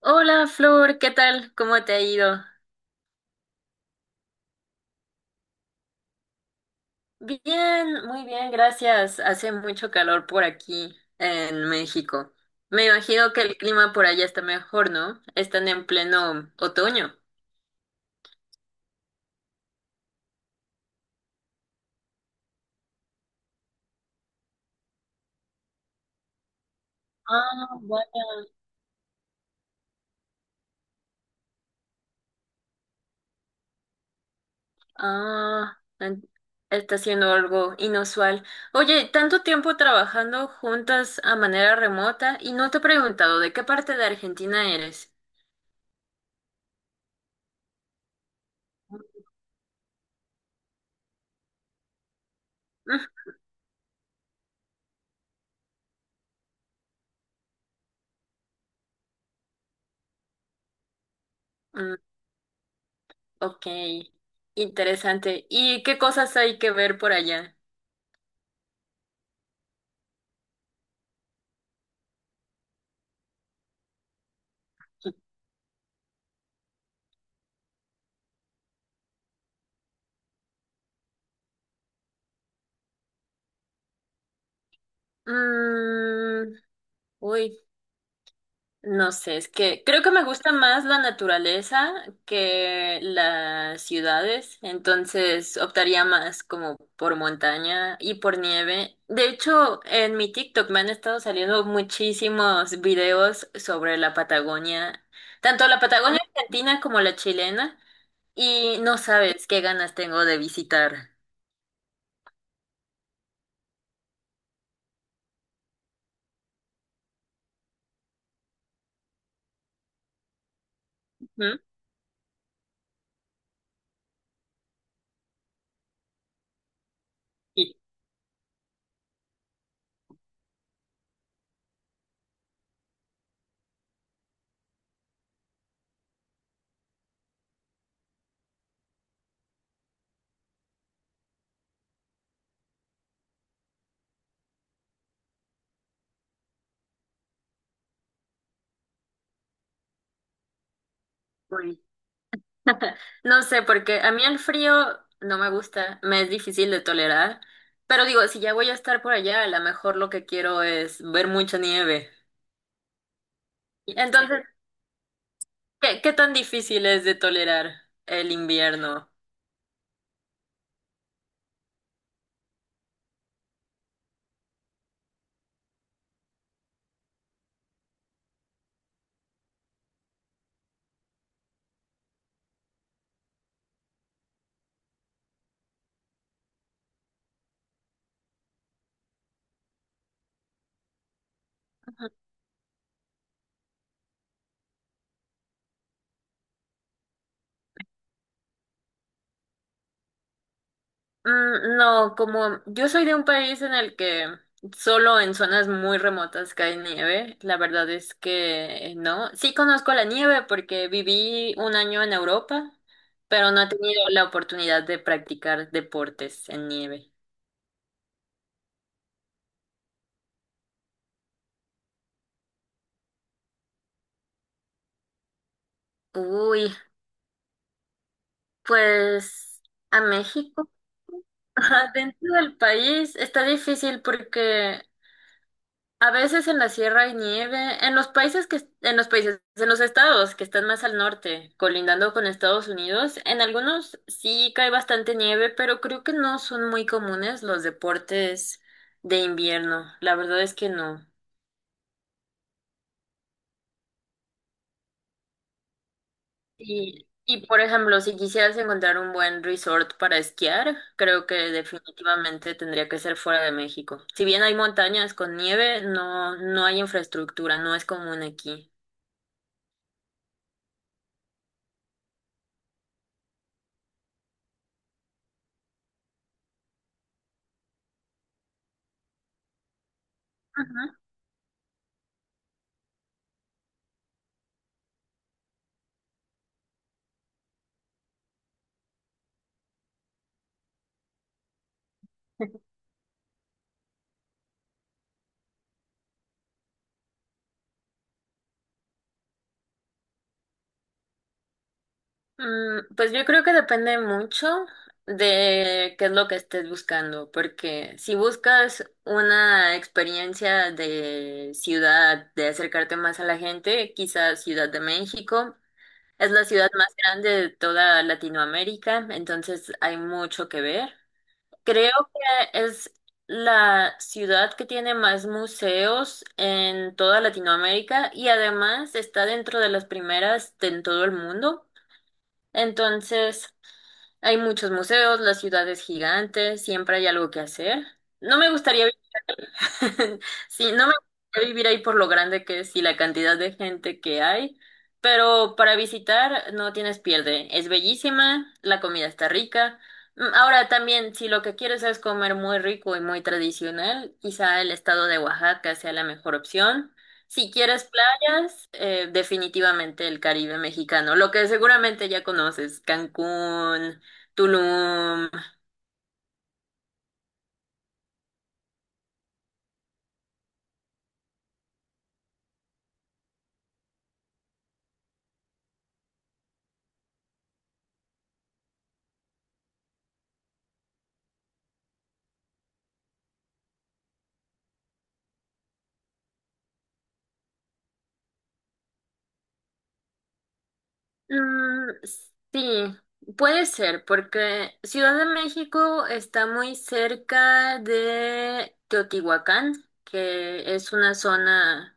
Hola Flor, ¿qué tal? ¿Cómo te ha ido? Bien, muy bien, gracias. Hace mucho calor por aquí en México. Me imagino que el clima por allá está mejor, ¿no? Están en pleno otoño. Ah, vaya. Ah, está siendo algo inusual. Oye, tanto tiempo trabajando juntas a manera remota y no te he preguntado de qué parte de Argentina eres. Mm, mm, ok, interesante. ¿Y qué cosas hay que ver por allá? Mm, uy, no sé, es que creo que me gusta más la naturaleza que las ciudades, entonces optaría más como por montaña y por nieve. De hecho, en mi TikTok me han estado saliendo muchísimos videos sobre la Patagonia, tanto la Patagonia argentina como la chilena, y no sabes qué ganas tengo de visitar. Ujú. Sí. Uy. No sé, porque a mí el frío no me gusta, me es difícil de tolerar, pero digo, si ya voy a estar por allá, a lo mejor lo que quiero es ver mucha nieve. Entonces, ¿qué tan difícil es de tolerar el invierno? Mm, no, como yo soy de un país en el que solo en zonas muy remotas cae nieve, la verdad es que no. Sí conozco la nieve porque viví un año en Europa, pero no he tenido la oportunidad de practicar deportes en nieve. Uy, pues a México. Ajá, dentro del país está difícil porque a veces en la sierra hay nieve, en los países que, en los países, en los estados que están más al norte, colindando con Estados Unidos, en algunos sí cae bastante nieve, pero creo que no son muy comunes los deportes de invierno. La verdad es que no. Y por ejemplo, si quisieras encontrar un buen resort para esquiar, creo que definitivamente tendría que ser fuera de México. Si bien hay montañas con nieve, no, no hay infraestructura, no es común aquí. Ajá. Pues yo creo que depende mucho de qué es lo que estés buscando, porque si buscas una experiencia de ciudad, de acercarte más a la gente, quizás Ciudad de México. Es la ciudad más grande de toda Latinoamérica, entonces hay mucho que ver. Creo que es la ciudad que tiene más museos en toda Latinoamérica y además está dentro de las primeras en todo el mundo. Entonces hay muchos museos, la ciudad es gigante, siempre hay algo que hacer. No me gustaría. Sí, no me gustaría vivir ahí por lo grande que es y la cantidad de gente que hay, pero para visitar no tienes pierde. Es bellísima, la comida está rica. Ahora también, si lo que quieres es comer muy rico y muy tradicional, quizá el estado de Oaxaca sea la mejor opción. Si quieres playas, definitivamente el Caribe mexicano, lo que seguramente ya conoces, Cancún, Tulum. Mm, sí, puede ser, porque Ciudad de México está muy cerca de Teotihuacán, que es una zona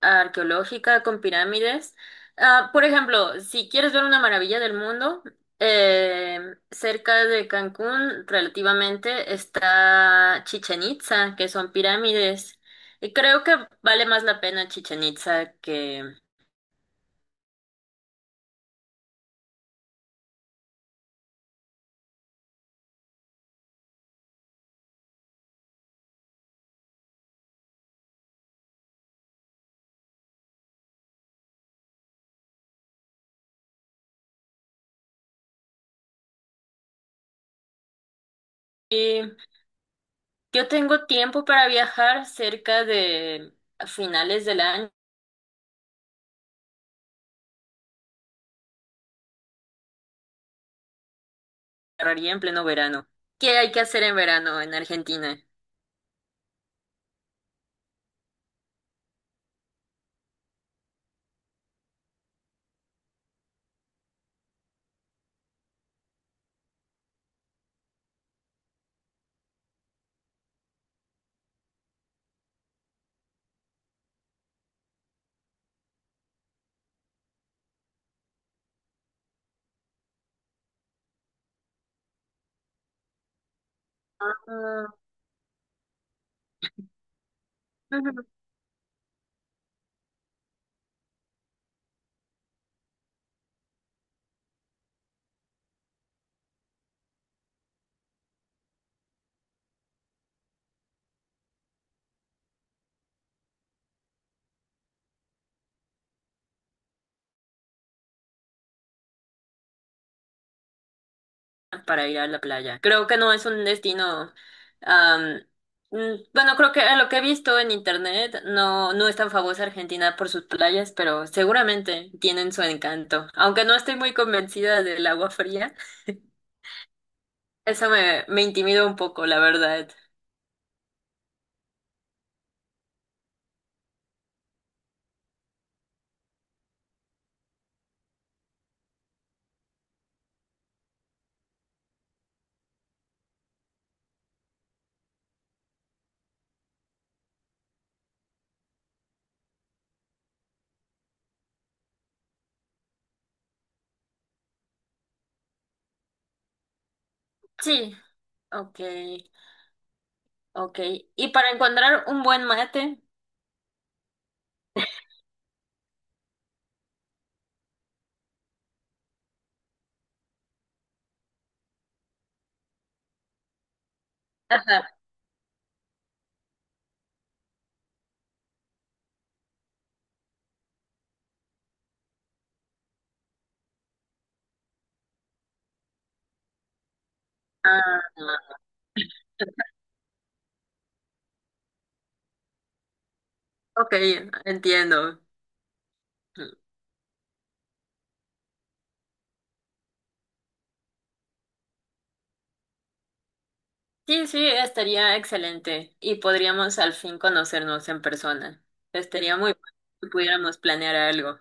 arqueológica con pirámides. Ah, por ejemplo, si quieres ver una maravilla del mundo, eh, cerca de Cancún, relativamente, está Chichen Itza, que son pirámides. Y creo que vale más la pena Chichen Itza que... Yo tengo tiempo para viajar cerca de a finales del año, agarraría en pleno verano. ¿Qué hay que hacer en verano en Argentina Ah, ujú. Para ir a la playa? Creo que no es un destino, am, mm, bueno, creo que a lo que he visto en internet, no, no es tan famosa Argentina por sus playas, pero seguramente tienen su encanto. Aunque no estoy muy convencida del agua fría, eso me intimida un poco, la verdad. Sí, ok. Ok. Y para encontrar un buen mate. Ajá. Ah, ok, entiendo. Sí, sí, estaría excelente. Y podríamos al fin conocernos en persona. Estaría muy bueno si pudiéramos planear algo.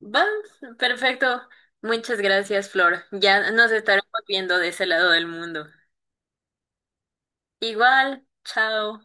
Va, perfecto. Muchas gracias, Flor. Ya nos estaremos viendo de ese lado del mundo. Igual, chao.